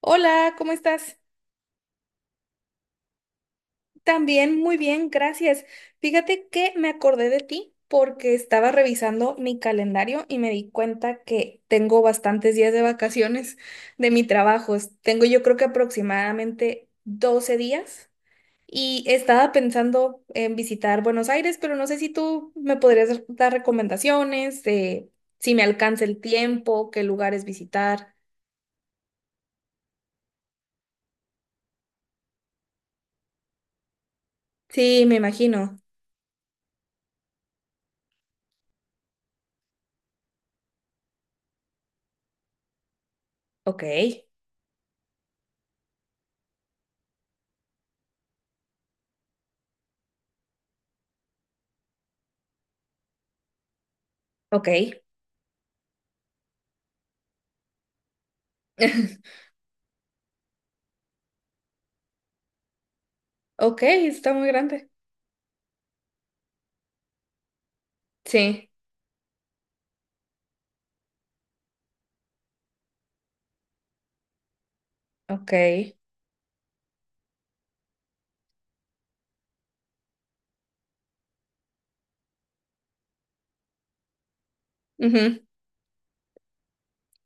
Hola, ¿cómo estás? También muy bien, gracias. Fíjate que me acordé de ti porque estaba revisando mi calendario y me di cuenta que tengo bastantes días de vacaciones de mi trabajo. Tengo yo creo que aproximadamente 12 días y estaba pensando en visitar Buenos Aires, pero no sé si tú me podrías dar recomendaciones de si me alcanza el tiempo, qué lugares visitar. Sí, me imagino. Ok, ok. Ok, está muy grande. Sí, ok. Ujú,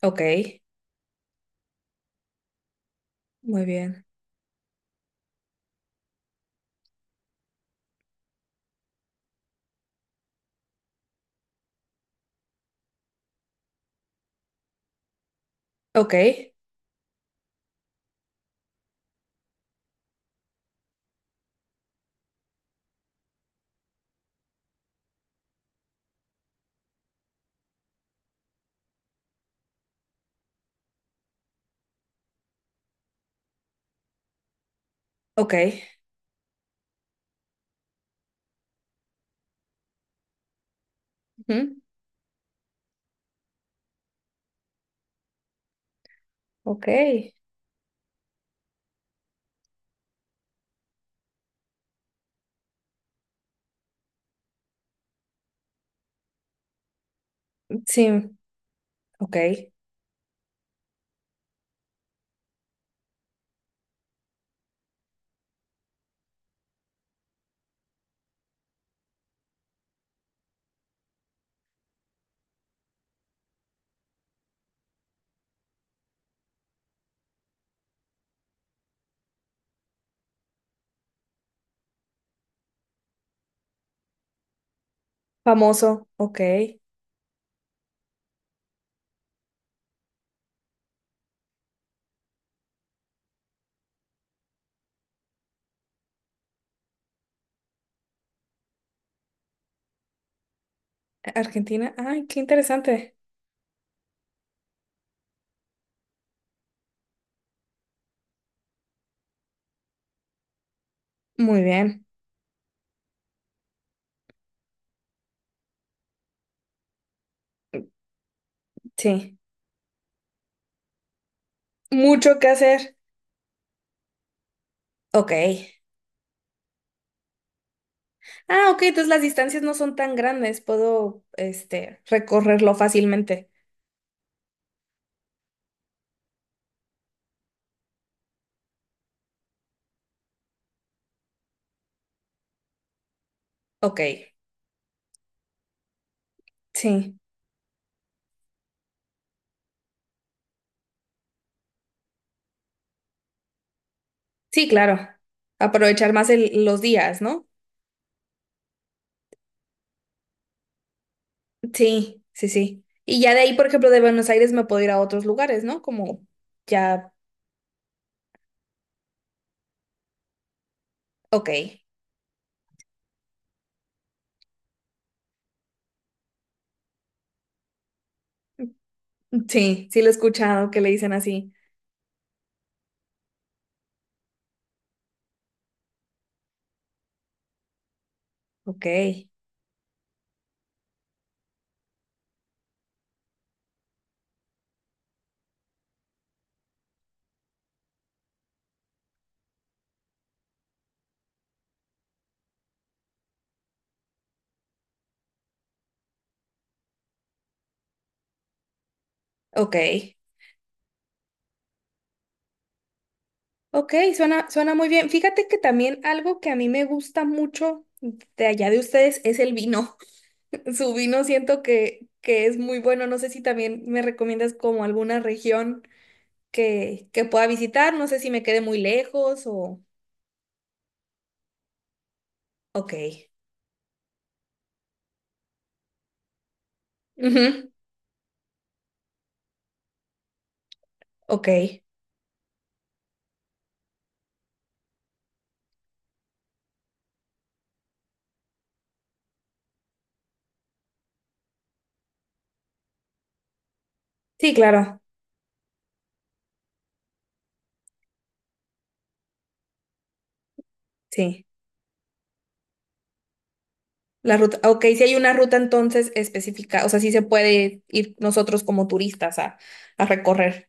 ok, muy bien. Ok, ok, ujú, ok, sí, ok. Famoso, ok. Argentina, ay, qué interesante. Muy bien, sí. Mucho que hacer, ok. Ah, ok, entonces las distancias no son tan grandes, puedo, este, recorrerlo fácilmente. Ok, sí, sí, claro. Aprovechar más los días, ¿no? Sí, sí, sí. Y ya de ahí, por ejemplo, de Buenos Aires me puedo ir a otros lugares, ¿no? Como ya, ok. Sí, sí lo he escuchado que le dicen así. Ok, ok, ok, suena, suena muy bien. Fíjate que también algo que a mí me gusta mucho de allá de ustedes es el vino. Su vino siento que es muy bueno. No sé si también me recomiendas como alguna región que pueda visitar. No sé si me quede muy lejos o... Ok. Ujú, ok. Sí, claro. Sí. La ruta, ok, si hay una ruta entonces específica, o sea, sí se puede ir nosotros como turistas a recorrer.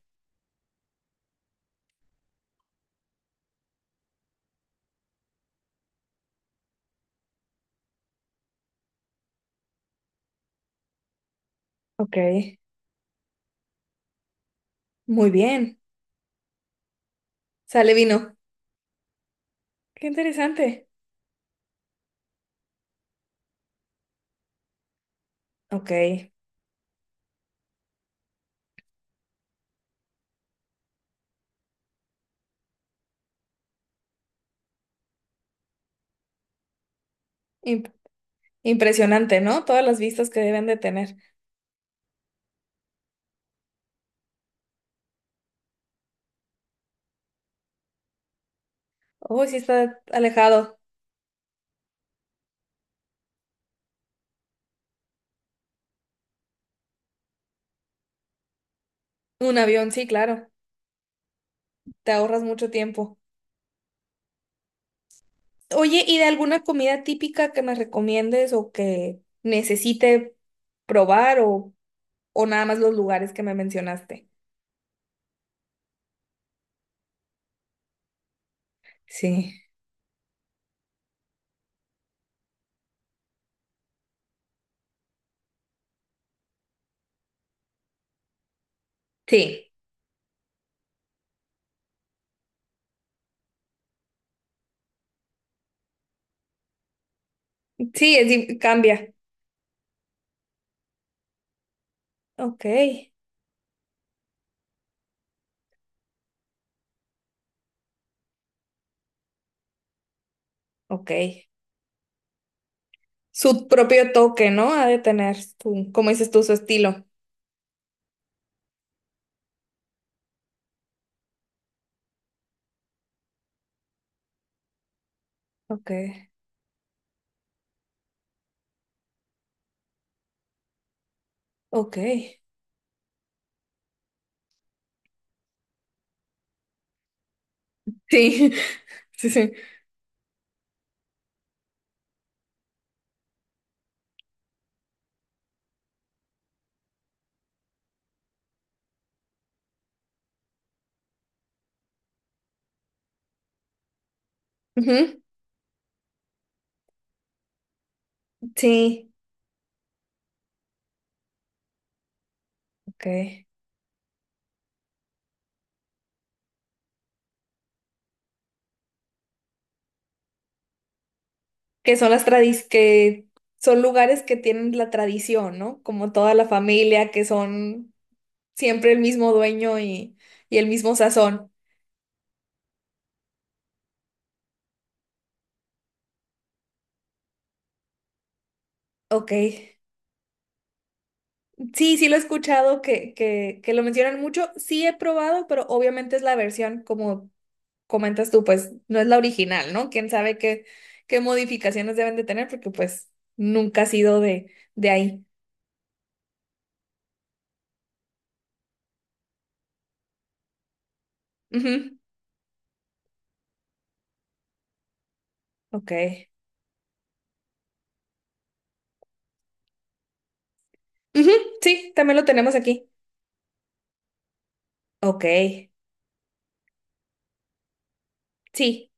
Ok, muy bien. Sale vino. Qué interesante. Ok, Imp- impresionante, ¿no? Todas las vistas que deben de tener. Oh, sí está alejado. Un avión, sí, claro. Te ahorras mucho tiempo. Oye, ¿y de alguna comida típica que me recomiendes o que necesite probar o nada más los lugares que me mencionaste? Sí. Sí. Sí, es cambia. Ok, ok. Su propio toque, ¿no? Ha de tener su, como dices tú, su estilo. Ok, ok. Sí, sí, sí. Ujú, sí, ok. Que son las tradis, que son lugares que tienen la tradición, ¿no? Como toda la familia, que son siempre el mismo dueño y el mismo sazón. Ok. Sí, sí lo he escuchado que lo mencionan mucho. Sí he probado, pero obviamente es la versión como comentas tú, pues no es la original, ¿no? ¿Quién sabe qué, qué modificaciones deben de tener? Porque pues nunca ha sido de ahí. Ujú, ok. Ujú, sí, también lo tenemos aquí. Ok. Sí,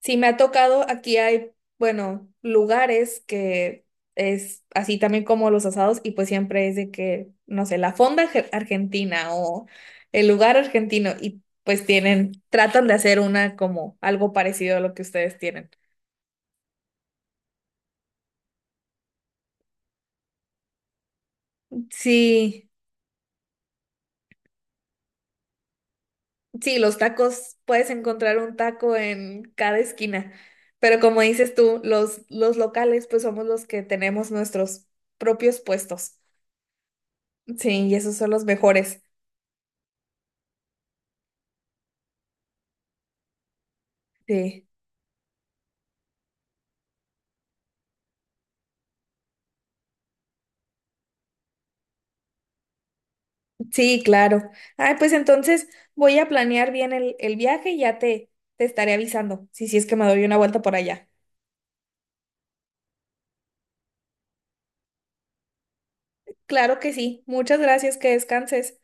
sí, me ha tocado, aquí hay, bueno, lugares que es así también como los asados y pues siempre es de que, no sé, la fonda argentina o el lugar argentino y pues tienen, tratan de hacer una como algo parecido a lo que ustedes tienen. Sí. Sí, los tacos, puedes encontrar un taco en cada esquina, pero como dices tú, los locales pues somos los que tenemos nuestros propios puestos. Sí, y esos son los mejores. Sí, sí, claro. Ay, pues entonces voy a planear bien el viaje y ya te estaré avisando si, si es que me doy una vuelta por allá. Claro que sí. Muchas gracias, que descanses.